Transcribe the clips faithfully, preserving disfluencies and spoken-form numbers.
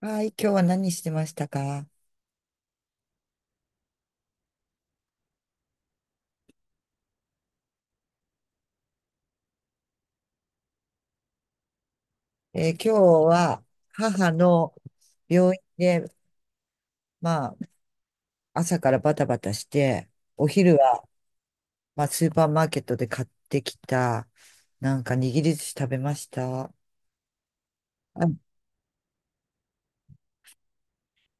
はい、今日は何してましたか？えー今日は母の病院で、まあ、朝からバタバタして、お昼は、まあ、スーパーマーケットで買ってきた、なんか握り寿司食べました。あい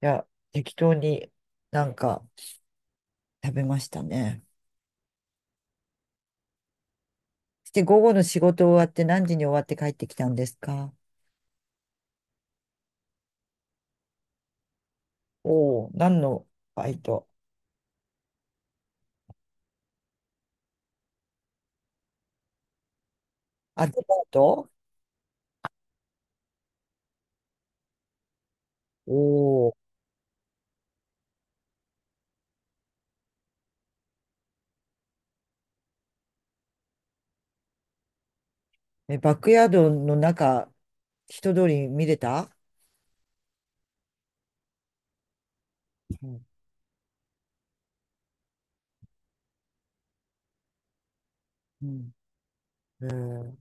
や、適当になんか食べましたね。して、午後の仕事終わって何時に終わって帰ってきたんですか？おおー、何のバイト？あ、デパート？おおー、え、バックヤードの中、人通り見れた？うんうん、えー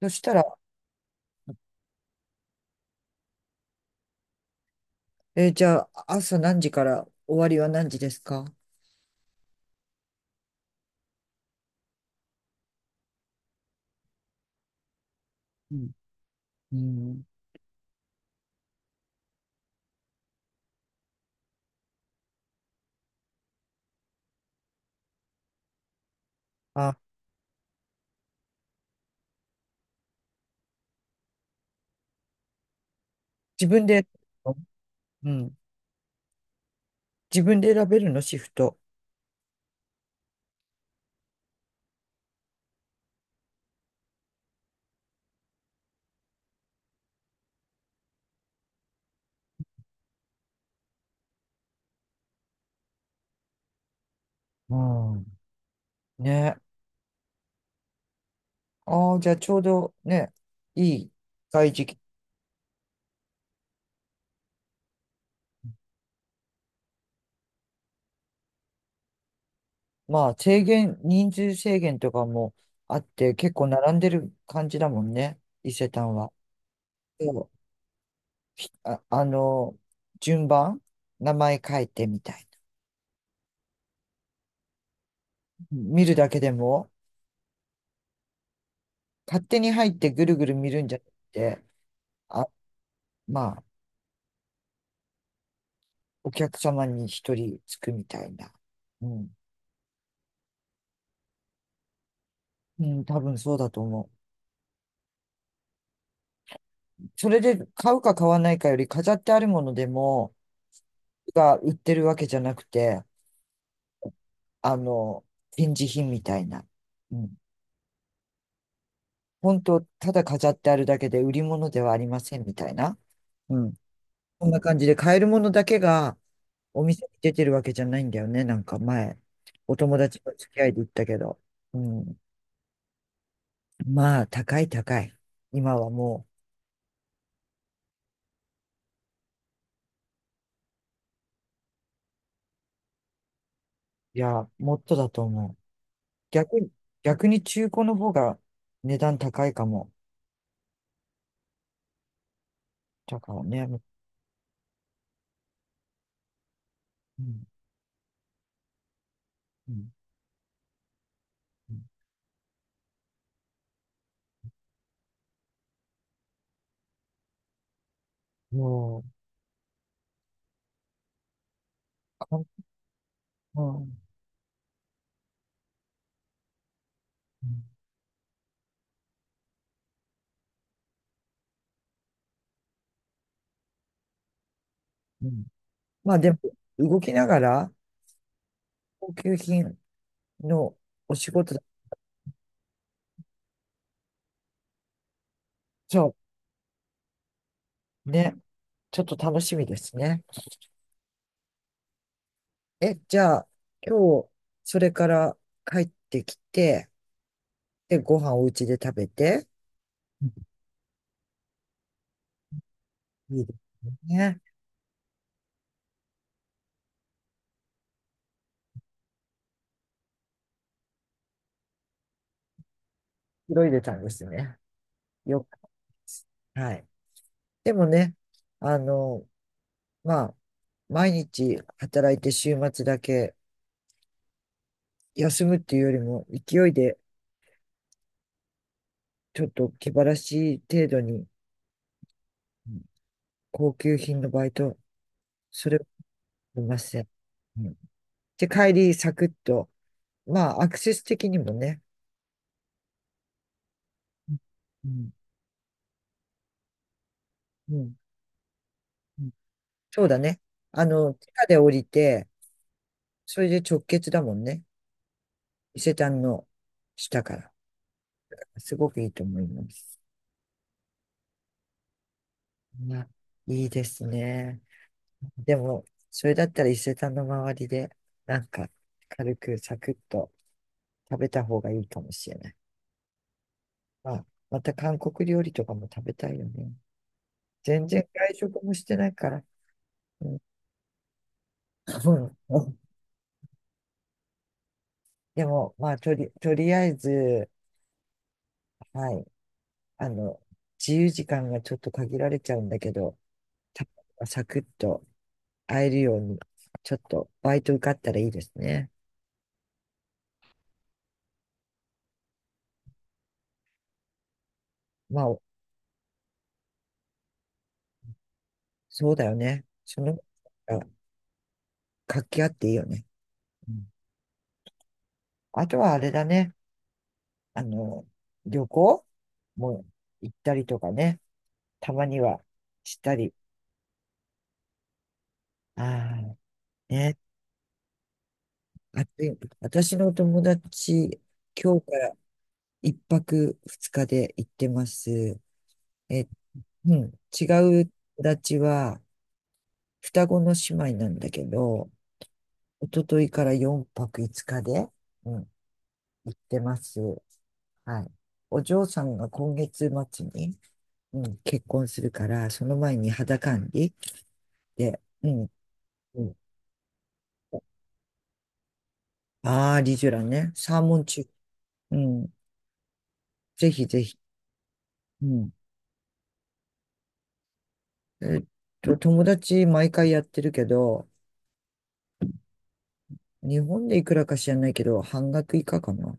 そしたら。えーじゃあ、朝何時から終わりは何時ですか？うんうん、あ、自分で。うん。自分で選べるの、シフト？うん、ね。ああ、じゃあちょうどね、いい外時期。まあ、制限、人数制限とかもあって、結構並んでる感じだもんね、伊勢丹は。そう。あ、あの、順番、名前書いてみたいな。見るだけでも勝手に入ってぐるぐる見るんじゃなくて、あ、まあ、お客様に一人つくみたいな。うん。うん、多分そうだと思う。それで買うか買わないかより飾ってあるものでも、が売ってるわけじゃなくて、あの、展示品みたいな。うん。本当、ただ飾ってあるだけで売り物ではありませんみたいな。うん。こんな感じで買えるものだけがお店に出てるわけじゃないんだよね。なんか前、お友達の付き合いで言ったけど。うん。まあ、高い高い。今はもう、いや、もっとだと思う。逆に、逆に中古の方が値段高いかも。だからね、う、うんうんうん、もう、かん、うんうんうん、まあでも、動きながら、高級品のお仕事だ。そう、ね、ちょっと楽しみですね。え、じゃあ、今日、それから帰ってきて、で、ご飯お家で食べて、うん、いいですね。広いでたんですね。よくです。はい。でもね、あの、まあ、毎日働いて週末だけ休むっていうよりも、勢いでちょっと気晴らしい程度に、うん、高級品のバイト、それはありません。うん、で、帰りサクッと、まあ、アクセス的にもね、うんうんうんうん、そうだね。あの、地下で降りて、それで直結だもんね。伊勢丹の下から。すごくいいと思います。まあ、いいですね。でも、それだったら伊勢丹の周りで、なんか、軽くサクッと食べた方がいいかもしれない。まあ、また韓国料理とかも食べたいよね。全然外食もしてないから。うん、うん。でも、まあ、とり、とりあえず、はい、あの、自由時間がちょっと限られちゃうんだけど、たサクッと会えるように、ちょっとバイト受かったらいいですね。まあ、そうだよね。その、活気あっていいよね。うん、あとはあれだね。あの、旅行も行ったりとかね。たまにはしたり。ああ、ね。あと、私の友達、今日からいっぱくふつかで行ってます。え、うん。違う友達は、双子の姉妹なんだけど、一昨日からよんぱくいつかで、うん、行ってます。はい。お嬢さんが今月末に、うん、結婚するから、その前に肌管理で、うん、うん。ああ、リジュラね。サーモン中。うん。ぜひぜひ。うん。えっと、友達毎回やってるけど、日本でいくらか知らないけど、半額以下かな。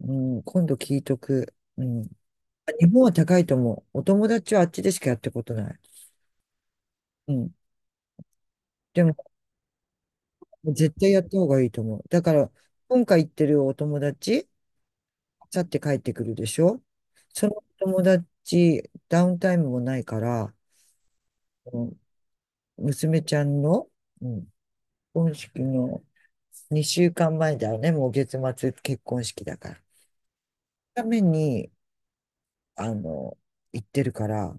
うん、今度聞いとく。うん。日本は高いと思う。お友達はあっちでしかやったことない。うん。でも、絶対やった方がいいと思う。だから、今回行ってるお友達、去って帰ってくるでしょ？その友達、ダウンタイムもないから、うん、娘ちゃんの、うん、結婚式のにしゅうかんまえだよね、もう月末結婚式だから。ために、あの、行ってるから、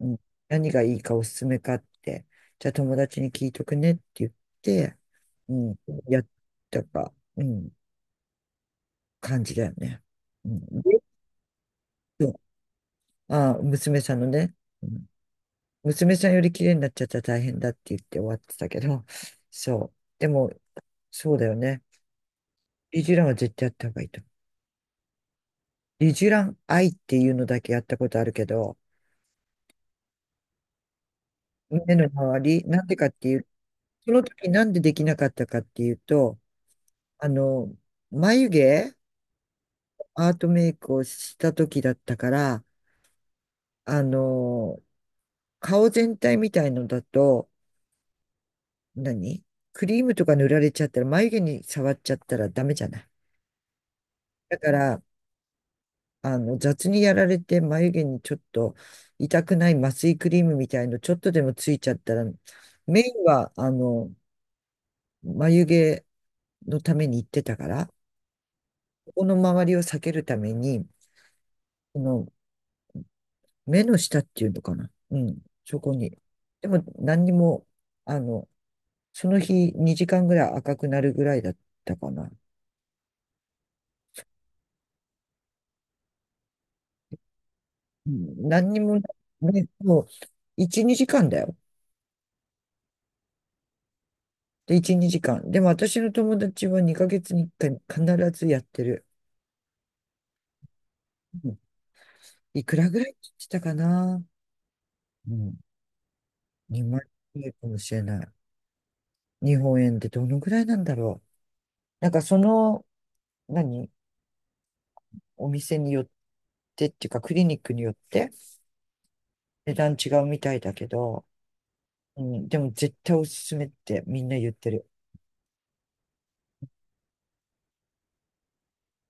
うん、何がいいかおすすめかって、じゃあ友達に聞いとくねって言って、うん、やったか、うん、感じだよね。うん、で、そう、あ、娘さんのね。うん、娘さんより綺麗になっちゃったら大変だって言って終わってたけど、そう。でも、そうだよね。リジュランは絶対やった方がいいと思う。リジュランアイっていうのだけやったことあるけど、目の周り、なんでかっていう、その時なんでできなかったかっていうと、あの、眉毛、アートメイクをした時だったから、あの、顔全体みたいのだと、何クリームとか塗られちゃったら、眉毛に触っちゃったらダメじゃない。だから、あの、雑にやられて眉毛にちょっと痛くない麻酔クリームみたいのちょっとでもついちゃったら、メインは、あの、眉毛のために行ってたから、ここの周りを避けるために、この目の下っていうのかな。うん、そこに。でも何にも、あの、その日にじかんぐらい赤くなるぐらいだったかな。うん、何にも、ね、もういち、にじかんだよ。で、いち、にじかん。でも私の友達はにかげつにいっかい必ずやってる。うん、いくらぐらいって言ってたかな。うん。にまん円ぐらいかもしれない。日本円でどのぐらいなんだろう。なんかその、何お店によってっていうかクリニックによって値段違うみたいだけど、うん。でも絶対おすすめってみんな言ってる。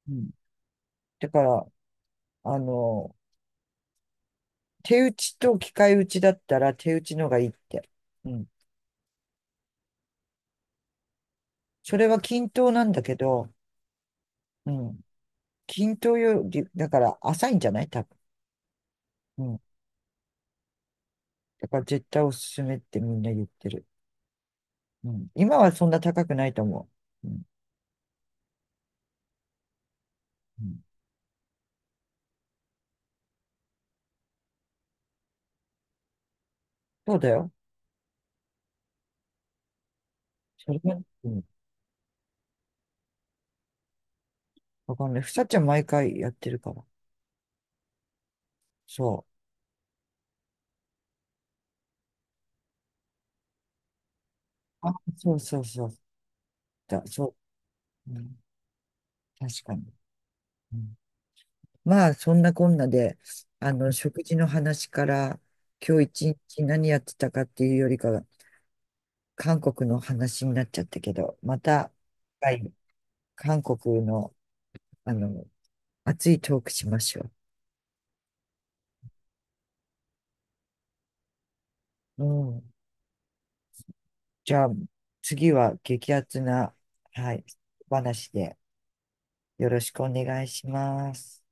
うん。だから、あの、手打ちと機械打ちだったら手打ちのがいいって。うん。それは均等なんだけど、うん。均等より、だから浅いんじゃない多分。うん。だから絶対おすすめってみんな言ってる。うん。今はそんな高くないと思う。うん。うん、そうだよ。それが、うん。わかんない。ふさちゃん毎回やってるから。そう。あ、そうそうそう。だ、そう。うん。確かに。うん。まあ、そんなこんなで、あの、食事の話から、今日一日何やってたかっていうよりかは、韓国の話になっちゃったけど、また、はい、韓国の、あの、熱いトークしましょう。うん。じゃあ、次は激アツな、はい、お話でよろしくお願いします。